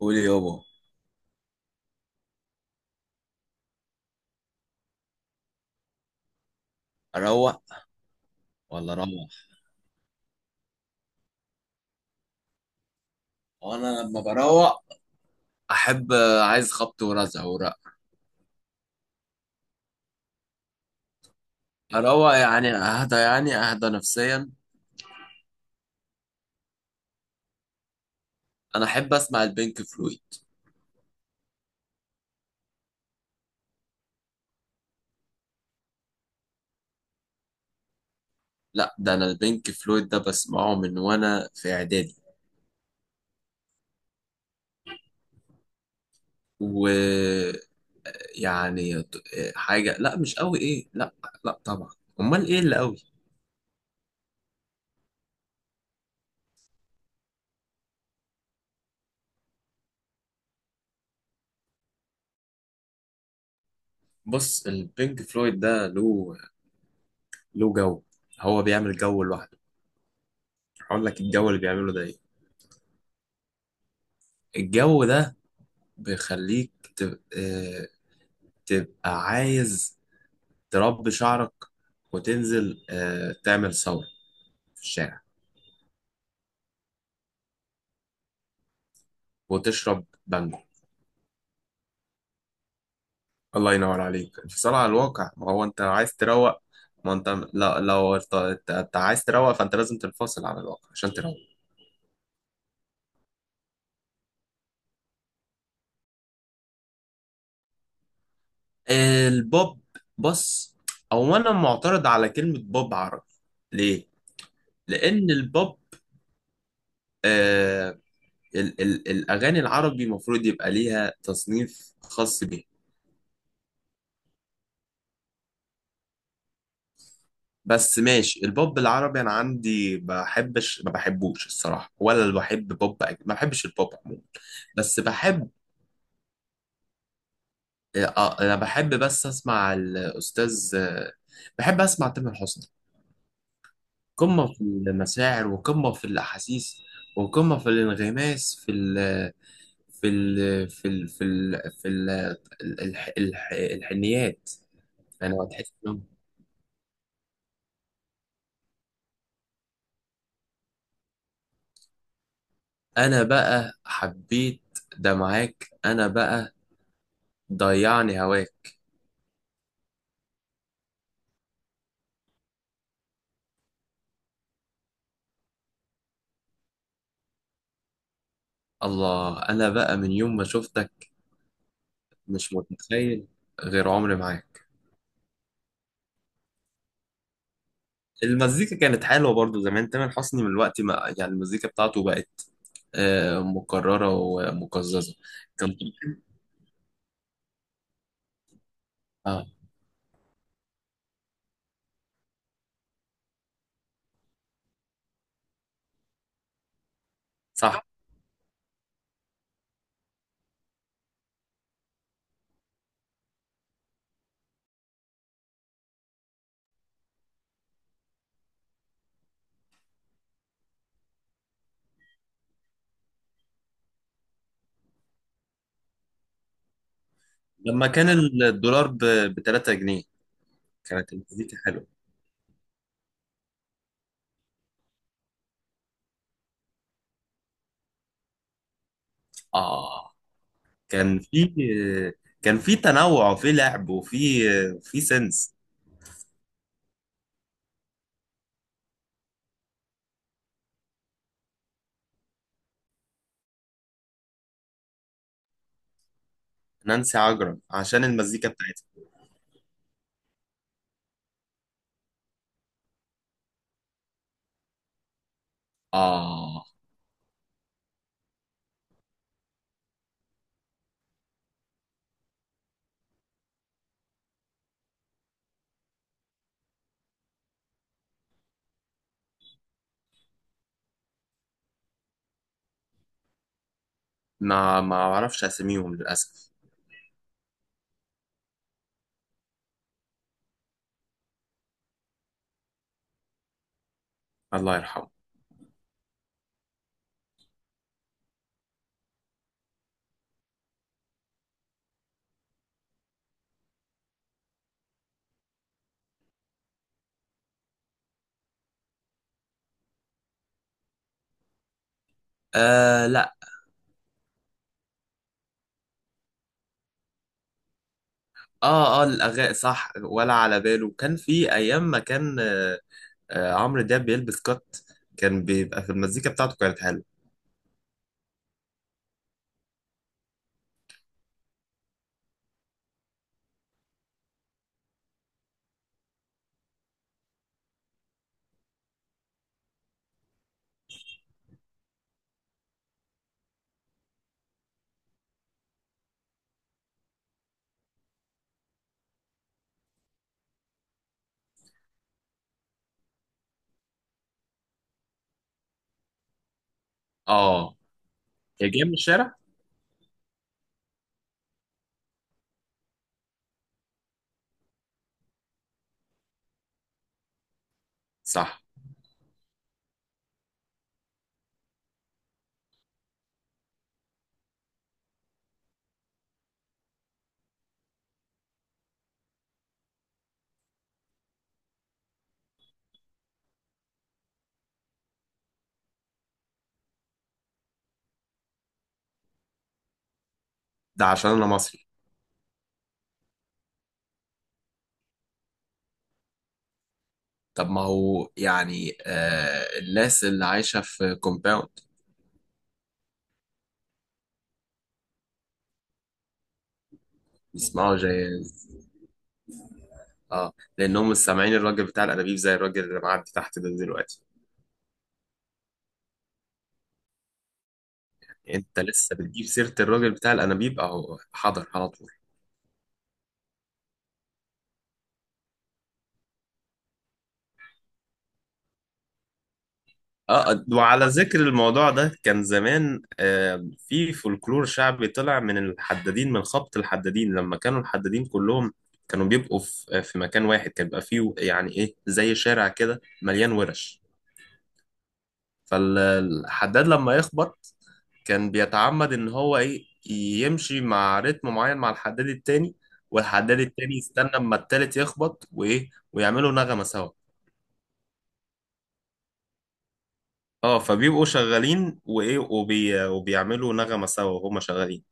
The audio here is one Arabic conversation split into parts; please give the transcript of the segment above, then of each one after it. قولي يابا. اروق ولا اروح؟ وانا لما بروق احب، عايز خبط ورزع ورق. اروق يعني اهدى، يعني اهدى نفسيا. انا احب اسمع البينك فلويد. لا، ده انا البينك فلويد ده بسمعه من وانا في اعدادي. ويعني حاجه، لا مش قوي ايه، لا، لا طبعا. امال ايه اللي قوي؟ بص، البينك فلويد ده له جو، هو بيعمل جو لوحده. هقول لك الجو اللي بيعمله ده ايه. الجو ده بيخليك تبقى عايز تربي شعرك وتنزل تعمل ثورة في الشارع وتشرب بانجو. الله ينور عليك، انفصال على الواقع. ما هو انت عايز تروق، ما انت، لا لو انت عايز تروق فانت لازم تنفصل عن الواقع عشان تروق. البوب، بص، او انا معترض على كلمة بوب عربي. ليه؟ لان البوب، آه، ال الاغاني العربي المفروض يبقى ليها تصنيف خاص بيها. بس ماشي، البوب العربي انا عندي بحبش، ما بحبوش الصراحه، ولا اللي بحب بوب ما بحبش البوب عموما، بس بحب انا بحب بس اسمع الاستاذ، بحب اسمع تامر حسني. قمه في المشاعر وقمه في الاحاسيس وقمه في الانغماس في ال في ال في ال في ال في ال الحنيات. انا هتحس انا بقى حبيت ده، معاك انا بقى، ضيعني هواك. الله، انا بقى من يوم ما شفتك مش متخيل غير عمري معاك. المزيكا كانت حلوه برضو زمان تامر حسني، من الوقت ما يعني المزيكا بتاعته بقت مكرره ومقززه. كان، اه، صح، لما كان الدولار ب 3 جنيه كانت المزيكا حلوه. اه، كان في كان في تنوع وفي لعب وفي في سنس. نانسي عجرم عشان المزيكا بتاعتها. اه، ما اعرفش اساميهم للاسف. الله يرحمه. آه لا. اه اه، الاغاني صح، ولا على باله كان في ايام، ما كان آه، عمرو دياب بيلبس كات. كان بيبقى في المزيكا بتاعته كانت حلوه. اه، هي جايه من الشارع، صح، ده عشان انا مصري. طب ما هو يعني آه الناس اللي عايشه في كومباوند بيسمعوا جاز. اه، لانهم مش سامعين الراجل بتاع الانابيب زي الراجل اللي معدي تحت ده دلوقتي. انت لسه بتجيب سيره الراجل بتاع الانابيب، اهو حاضر على طول. اه، وعلى ذكر الموضوع ده كان زمان آه في فولكلور شعبي طلع من الحدادين، من خبط الحدادين لما كانوا الحدادين كلهم كانوا بيبقوا في في مكان واحد كان بيبقى فيه يعني ايه زي شارع كده مليان ورش. فالحداد لما يخبط كان بيتعمد ان هو ايه، يمشي مع رتم معين مع الحداد التاني، والحداد التاني يستنى اما التالت يخبط وايه، ويعملوا نغمة سوا. اه، فبيبقوا شغالين وايه، وبيعملوا نغمة سوا وهما شغالين.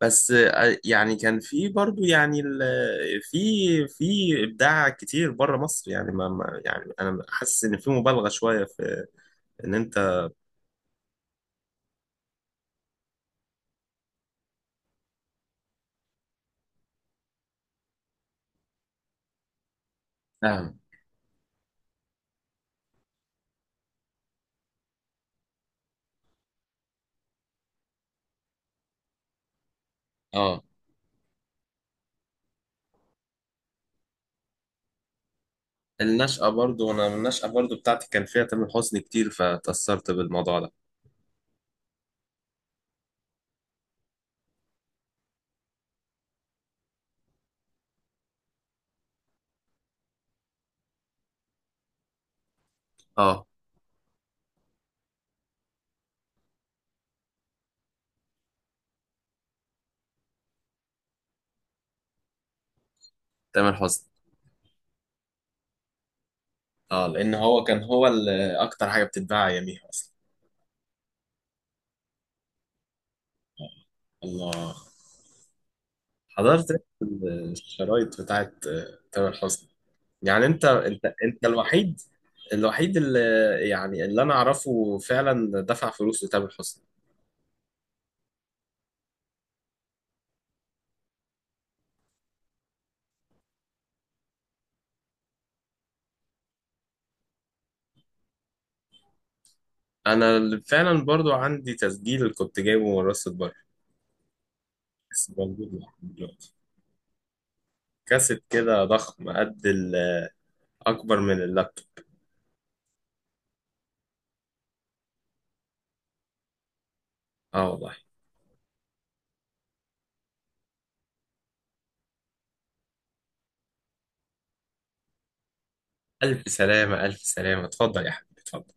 بس يعني كان في برضو يعني في ابداع كتير بره مصر، يعني يعني انا حاسس ان في مبالغه شويه في ان انت، فاهم. اه، النشأة برضو بتاعتي كان فيها تامر حسني كتير فتأثرت بالموضوع ده. اه، تامر حسني. اه لان هو كان هو اكتر حاجه بتتباع اياميها اصلا. الله، حضرت الشرايط بتاعت تامر حسني. يعني انت الوحيد، الوحيد يعني اللي انا اعرفه فعلا دفع فلوس لتامر حسني. انا اللي فعلا برضو عندي تسجيل كنت جايبه من راس البر، بس موجود لحد دلوقتي. كاسيت كده ضخم قد اكبر من اللابتوب. اه والله. الف سلامه، الف سلامه، اتفضل يا حبيبي، اتفضل.